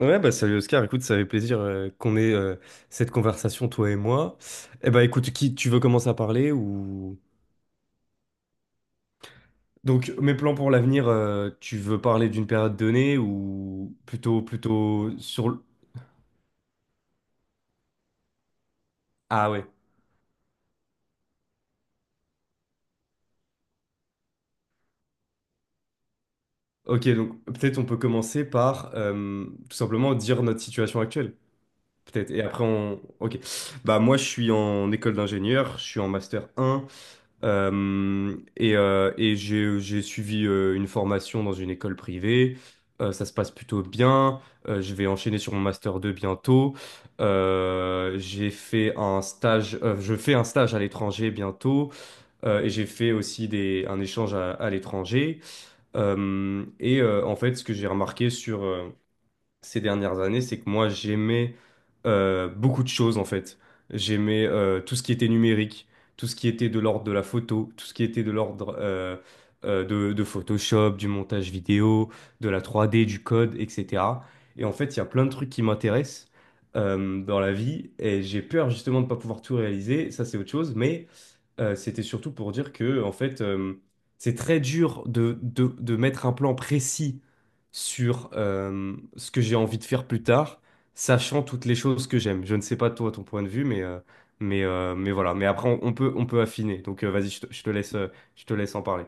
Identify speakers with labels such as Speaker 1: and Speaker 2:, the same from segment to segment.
Speaker 1: Ouais, bah salut Oscar, écoute, ça fait plaisir qu'on ait cette conversation, toi et moi. Eh bah écoute, qui tu veux commencer à parler ou... Donc mes plans pour l'avenir, tu veux parler d'une période donnée ou plutôt sur... Ah ouais, ok, donc peut-être on peut commencer par tout simplement dire notre situation actuelle, peut-être. Et après on... Ok, bah moi je suis en école d'ingénieur, je suis en master un. Et et j'ai suivi une formation dans une école privée. Ça se passe plutôt bien. Je vais enchaîner sur mon master 2 bientôt. J'ai fait un stage, je fais un stage à l'étranger bientôt. Et j'ai fait aussi un échange à l'étranger. Et en fait, ce que j'ai remarqué sur, ces dernières années, c'est que moi, j'aimais beaucoup de choses en fait. J'aimais tout ce qui était numérique, tout ce qui était de l'ordre de la photo, tout ce qui était de l'ordre de Photoshop, du montage vidéo, de la 3D, du code, etc. Et en fait, il y a plein de trucs qui m'intéressent dans la vie et j'ai peur justement de ne pas pouvoir tout réaliser, ça c'est autre chose, mais c'était surtout pour dire que, en fait, c'est très dur de, de mettre un plan précis sur ce que j'ai envie de faire plus tard, sachant toutes les choses que j'aime. Je ne sais pas toi, ton point de vue, mais voilà. Mais après, on, on peut affiner. Donc, vas-y, je te laisse en parler.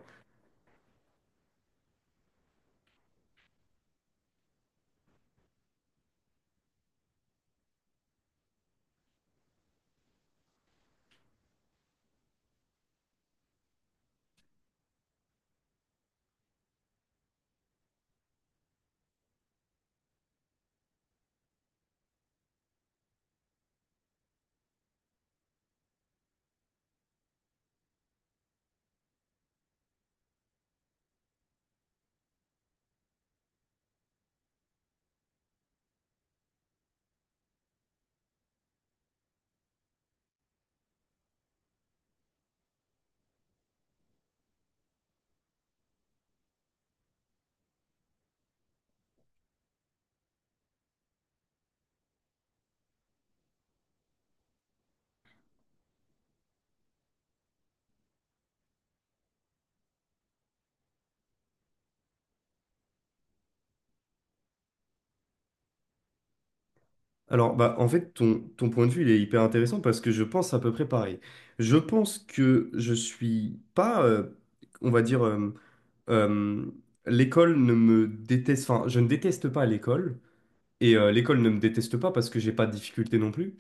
Speaker 1: Alors, bah, en fait, ton, ton point de vue, il est hyper intéressant parce que je pense à peu près pareil. Je pense que je suis pas, on va dire, euh, l'école ne me déteste, enfin, je ne déteste pas l'école, et l'école ne me déteste pas parce que j'ai pas de difficultés non plus,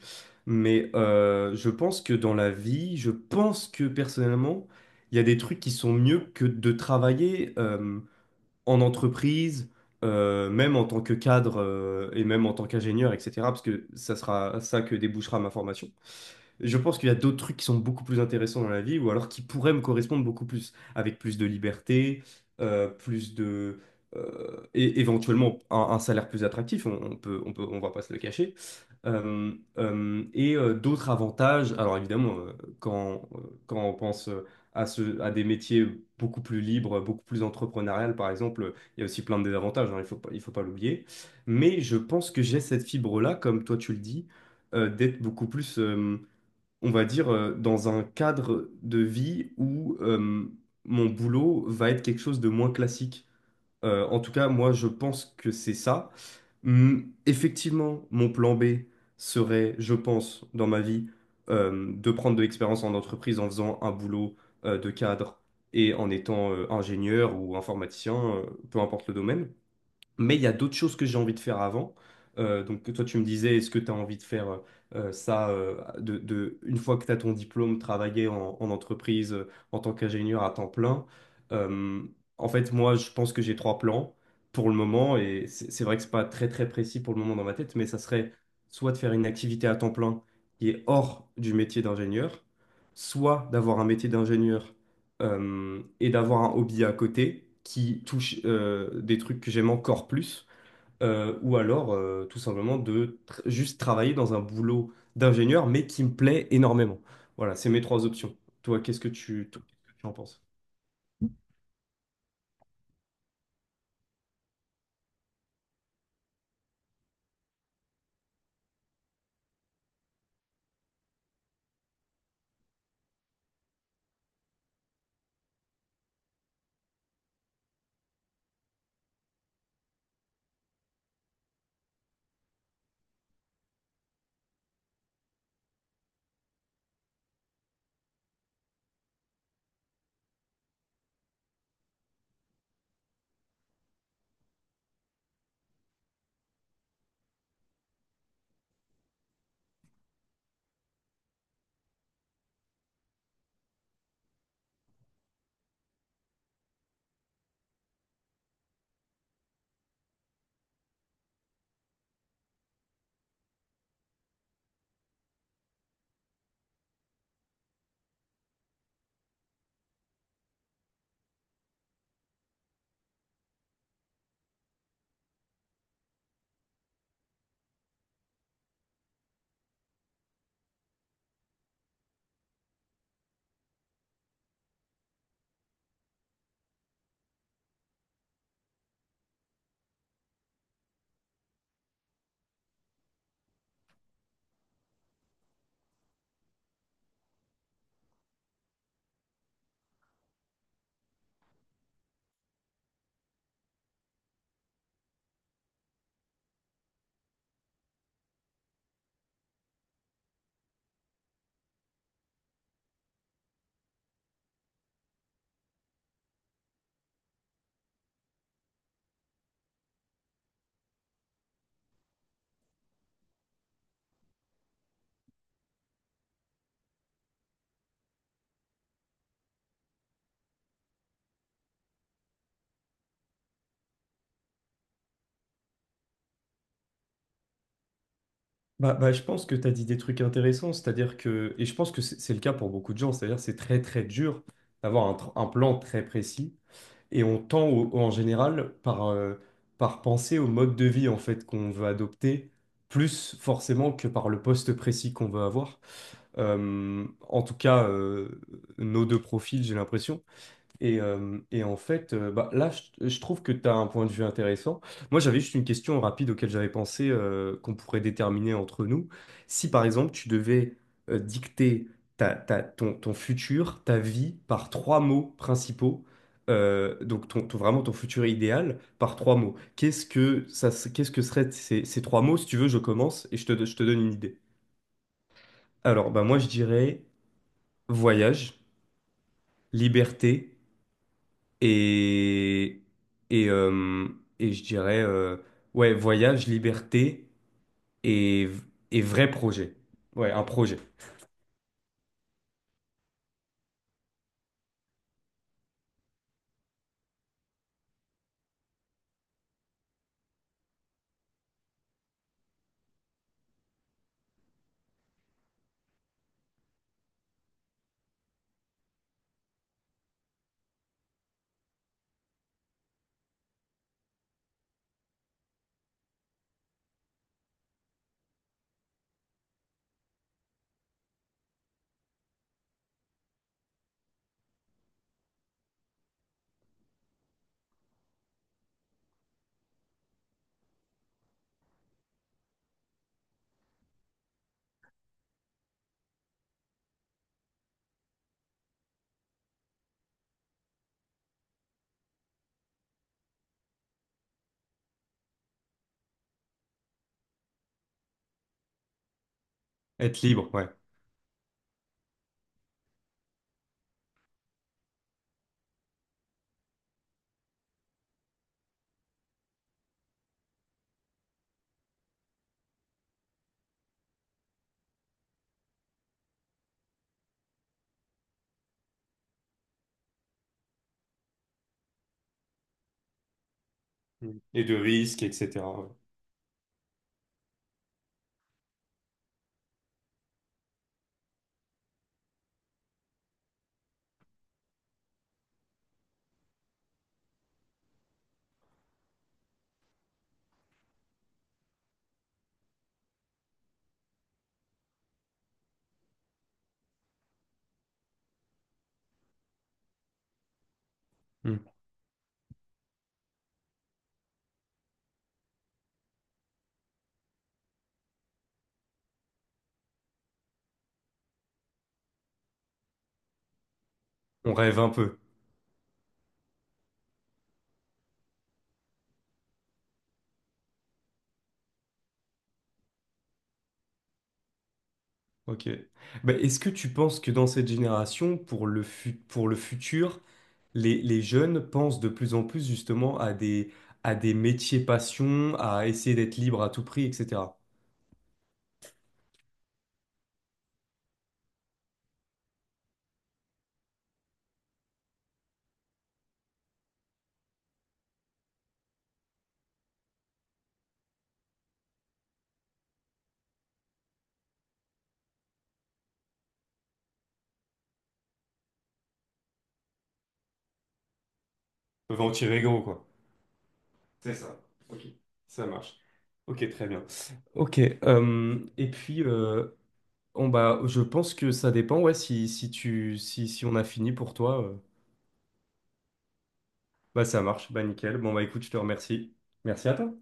Speaker 1: mais je pense que dans la vie, je pense que personnellement, il y a des trucs qui sont mieux que de travailler en entreprise, même en tant que cadre et même en tant qu'ingénieur, etc. Parce que ça sera ça que débouchera ma formation. Je pense qu'il y a d'autres trucs qui sont beaucoup plus intéressants dans la vie ou alors qui pourraient me correspondre beaucoup plus, avec plus de liberté, plus de... et éventuellement un salaire plus attractif, on, on va pas se le cacher. Euh, et d'autres avantages, alors évidemment, quand, quand on pense... à, ce, à des métiers beaucoup plus libres, beaucoup plus entrepreneuriales, par exemple. Il y a aussi plein de désavantages, hein, il faut pas l'oublier. Mais je pense que j'ai cette fibre-là, comme toi tu le dis, d'être beaucoup plus, on va dire, dans un cadre de vie où mon boulot va être quelque chose de moins classique. En tout cas, moi, je pense que c'est ça. Hmm, effectivement, mon plan B serait, je pense, dans ma vie, de prendre de l'expérience en entreprise en faisant un boulot de cadre et en étant ingénieur ou informaticien, peu importe le domaine. Mais il y a d'autres choses que j'ai envie de faire avant. Donc toi, tu me disais, est-ce que tu as envie de faire ça de, une fois que tu as ton diplôme, travailler en, en entreprise en tant qu'ingénieur à temps plein? Euh, En fait, moi, je pense que j'ai trois plans pour le moment, et c'est vrai que c'est pas très précis pour le moment dans ma tête, mais ça serait soit de faire une activité à temps plein qui est hors du métier d'ingénieur, soit d'avoir un métier d'ingénieur et d'avoir un hobby à côté qui touche des trucs que j'aime encore plus, ou alors tout simplement de juste travailler dans un boulot d'ingénieur, mais qui me plaît énormément. Voilà, c'est mes trois options. Toi, qu'est-ce que tu, toi, qu'est-ce que tu en penses? Bah, bah, je pense que tu as dit des trucs intéressants, c'est-à-dire que, et je pense que c'est le cas pour beaucoup de gens, c'est-à-dire c'est très dur d'avoir un, un plan très précis. Et on tend en général par, par penser au mode de vie en fait qu'on veut adopter, plus forcément que par le poste précis qu'on veut avoir. En tout cas, nos deux profils, j'ai l'impression. Et en fait, bah, là, je trouve que tu as un point de vue intéressant. Moi, j'avais juste une question rapide auquel j'avais pensé qu'on pourrait déterminer entre nous. Si, par exemple, tu devais dicter ta, ton, ton futur, ta vie, par trois mots principaux, donc ton, vraiment ton futur idéal, par trois mots, qu'est-ce que ça, qu'est-ce que seraient ces, ces trois mots? Si tu veux, je commence et je te donne une idée. Alors, bah, moi, je dirais voyage, liberté. Et, et, euh, et je dirais, ouais, voyage, liberté et, et vrai projet. Ouais, un projet. Être libre, ouais. Mm. Et de risques, etc. ouais. Hmm. On rêve un peu. Ok. Bah, est-ce que tu penses que dans cette génération, pour le pour le futur, les jeunes pensent de plus en plus justement à des métiers passion à essayer d'être libre à tout prix, etc.? Ils peuvent en tirer gros, quoi. C'est ça. Ok. Ça marche. Ok, très bien. Ok. Et puis, on, bah, je pense que ça dépend. Ouais, si, si tu, si, si on a fini pour toi, bah ça marche. Bah nickel. Bon bah écoute, je te remercie. Merci à toi.